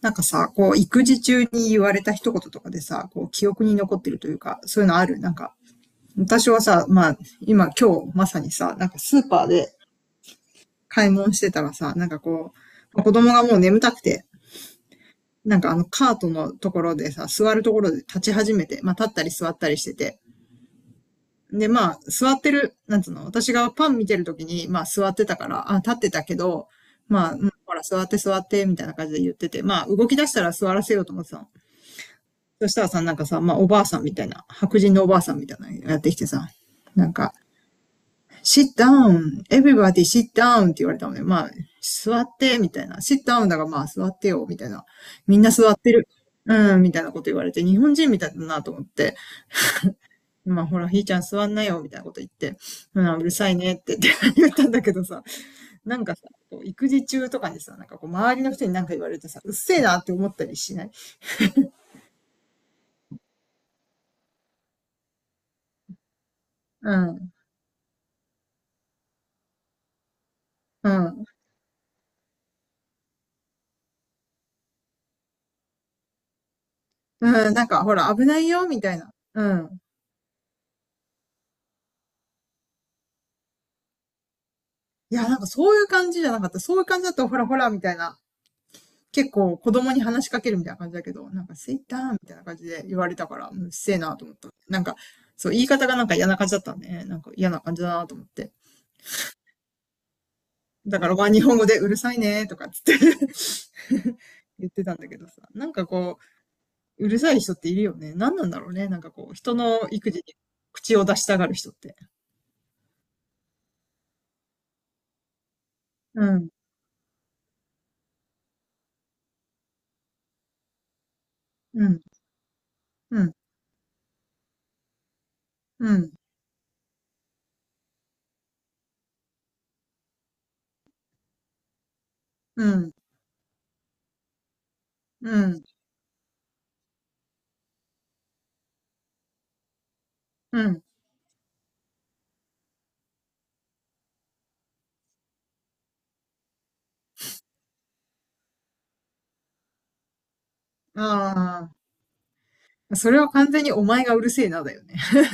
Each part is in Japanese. なんかさ、こう、育児中に言われた一言とかでさ、こう、記憶に残ってるというか、そういうのある？なんか、私はさ、まあ、今日、まさにさ、なんかスーパーで買い物してたらさ、なんかこう、子供がもう眠たくて、なんかあの、カートのところでさ、座るところで立ち始めて、まあ、立ったり座ったりしてて、で、まあ、座ってる、なんつうの、私がパン見てる時に、まあ、座ってたから、あ、立ってたけど、まあ、ほら、座って座って、みたいな感じで言ってて、まあ、動き出したら座らせようと思ってたの。そしたらさ、なんかさ、まあ、おばあさんみたいな、白人のおばあさんみたいなのやってきてさ、なんか、sit down, everybody sit down って言われたのね。まあ、座って、みたいな。sit down だからまあ、座ってよ、みたいな。みんな座ってる。うん、みたいなこと言われて、日本人みたいだなと思って、まあ、ほら、ひーちゃん座んなよ、みたいなこと言って、うん、うるさいねって言ったんだけどさ、なんかさ、こう育児中とかにさ、なんかこう、周りの人になんか言われてさ、うっせえなって思ったりしない？うん、うん。うん、なんか、ほら、危ないよ、みたいな。うん。いや、なんかそういう感じじゃなかった。そういう感じだと、ほらほら、みたいな。結構子供に話しかけるみたいな感じだけど、なんか、セイターみたいな感じで言われたから、ううっせえなと思った。なんか、そう、言い方がなんか嫌な感じだったんで、ね、なんか嫌な感じだなと思って。だから、まあ、日本語でうるさいね、とかっつって 言ってたんだけどさ。なんかこう、うるさい人っているよね。何なんだろうね。なんかこう、人の育児に口を出したがる人って。うん、うん、うん、うん、うん、うん。うん。ああ、それは完全にお前がうるせえなだよね。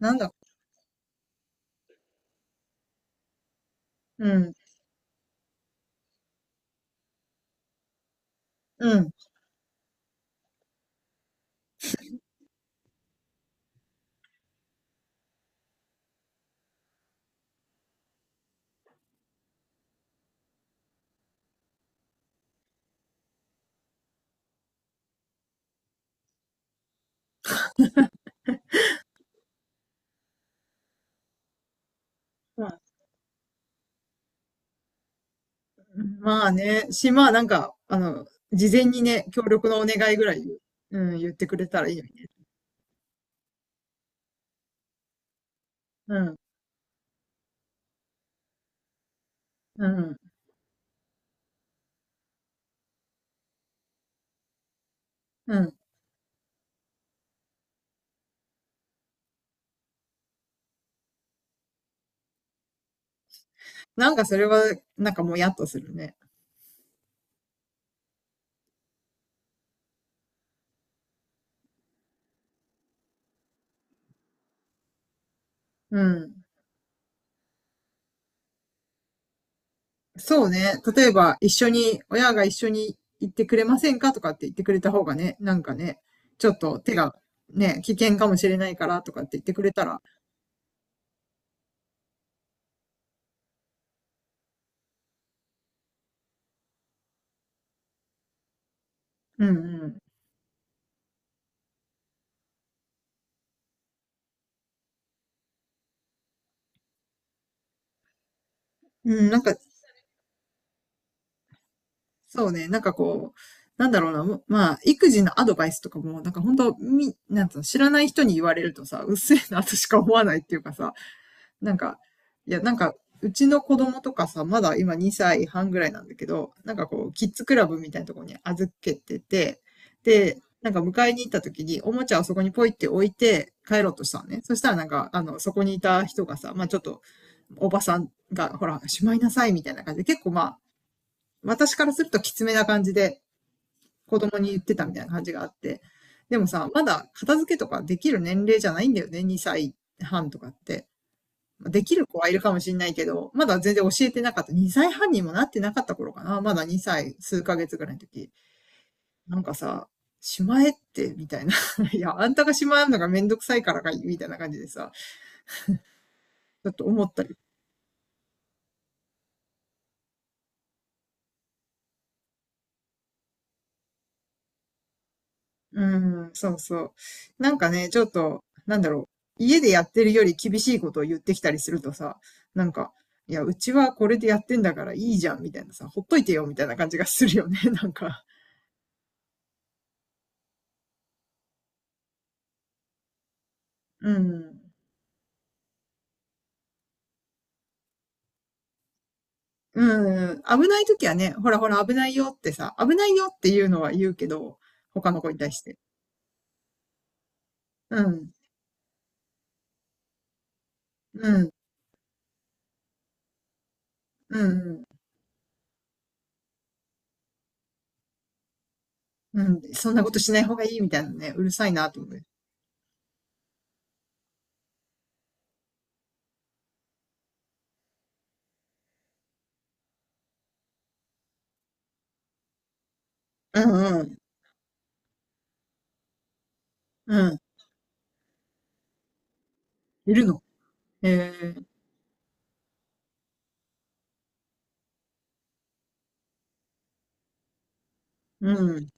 なんだ、うん、うん。まあ、まあね、し、まあなんか、あの、事前にね、協力のお願いぐらい、うん、言ってくれたらいいのにね。うん、うん、うん。なんかそれは、なんかもやっとするね。うん。そうね。例えば、一緒に、親が一緒に行ってくれませんかとかって言ってくれた方がね、なんかね、ちょっと手がね、危険かもしれないからとかって言ってくれたら、うんうん。うん、なんかそうね、なんかこう、なんだろうな、もまあ、育児のアドバイスとかも、なんか本当み、なんつうの、知らない人に言われるとさ、うっせえなとしか思わないっていうかさ、なんか、いや、なんか、うちの子供とかさ、まだ今2歳半ぐらいなんだけど、なんかこう、キッズクラブみたいなところに預けてて、で、なんか迎えに行った時に、おもちゃをそこにポイって置いて帰ろうとしたのね。そしたらなんか、あの、そこにいた人がさ、まあちょっと、おばさんが、ほら、しまいなさいみたいな感じで、結構ま私からするときつめな感じで子供に言ってたみたいな感じがあって。でもさ、まだ片付けとかできる年齢じゃないんだよね、2歳半とかって。まあできる子はいるかもしれないけど、まだ全然教えてなかった。2歳半にもなってなかった頃かな。まだ2歳数ヶ月ぐらいの時。なんかさ、しまえって、みたいな。いや、あんたがしまえるのがめんどくさいからかい、みたいな感じでさ、ちょっと思ったりうん、そうそう。なんかね、ちょっと、なんだろう。家でやってるより厳しいことを言ってきたりするとさ、なんか、いや、うちはこれでやってんだからいいじゃん、みたいなさ、ほっといてよ、みたいな感じがするよね、なんか。うん。うん。危ない時はね、ほらほら危ないよってさ、危ないよっていうのは言うけど、他の子に対して。うん。うん。うん。うん。そんなことしない方がいいみたいなね、うるさいなと思う。うんうん。うん。いるの？ええ、うん。うん。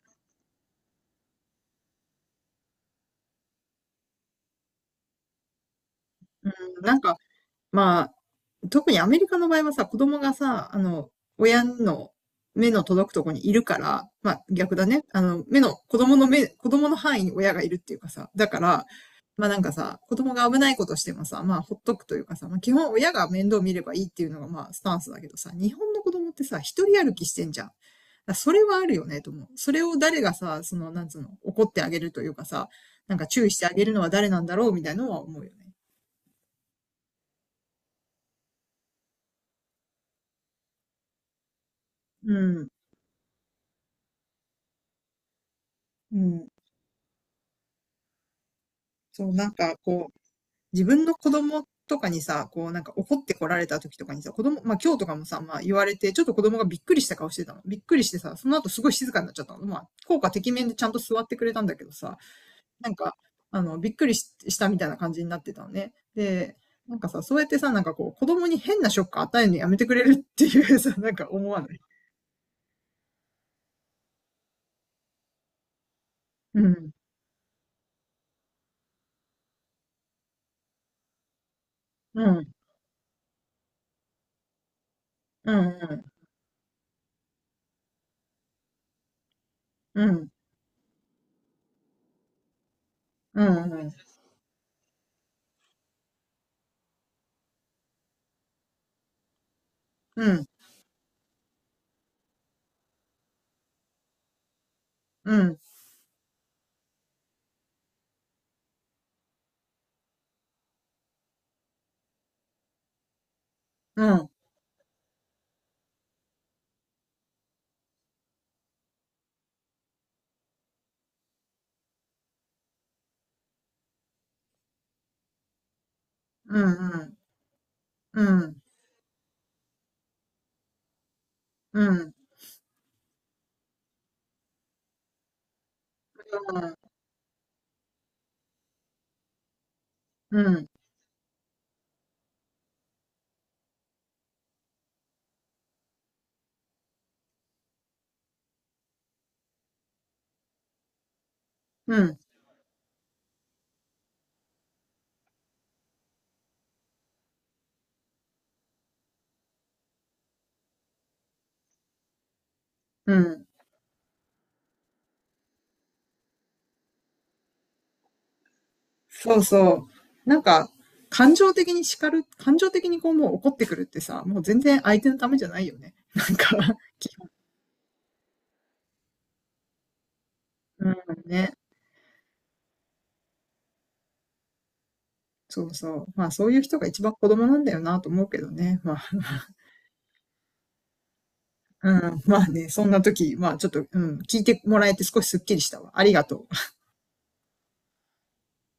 なんか、まあ、特にアメリカの場合はさ、子供がさ、あの、親の目の届くとこにいるから、まあ逆だね。あの、目の、子供の目、子供の範囲に親がいるっていうかさ、だから、まあなんかさ、子供が危ないことしてもさ、まあほっとくというかさ、まあ基本親が面倒見ればいいっていうのがまあスタンスだけどさ、日本の子供ってさ、一人歩きしてんじゃん。だからそれはあるよね、と思う。それを誰がさ、その、なんつうの、怒ってあげるというかさ、なんか注意してあげるのは誰なんだろうみたいなのは思うよね。うん。うん。そう、なんかこう、自分の子供とかにさ、こうなんか怒ってこられた時とかにさ、子供、まあ今日とかもさ、まあ言われて、ちょっと子供がびっくりした顔してたの。びっくりしてさ、その後すごい静かになっちゃったの。まあ、効果的面でちゃんと座ってくれたんだけどさ、なんか、あの、びっくりしたみたいな感じになってたのね。で、なんかさ、そうやってさ、なんかこう、子供に変なショック与えるのやめてくれるっていう さ、なんか思わない？うん、うん、うん、うん、うん、うん、うん、うん、うん、うん、うん、うん、うん、うん、うん、うん。そうそう。なんか、感情的に叱る、感情的にこうもう怒ってくるってさ、もう全然相手のためじゃないよね。なんか、うん、ね。そうそう。まあそういう人が一番子供なんだよなと思うけどね。まあ、うん、まあね、そんな時、まあちょっと、うん、聞いてもらえて少しすっきりしたわ。ありがとう。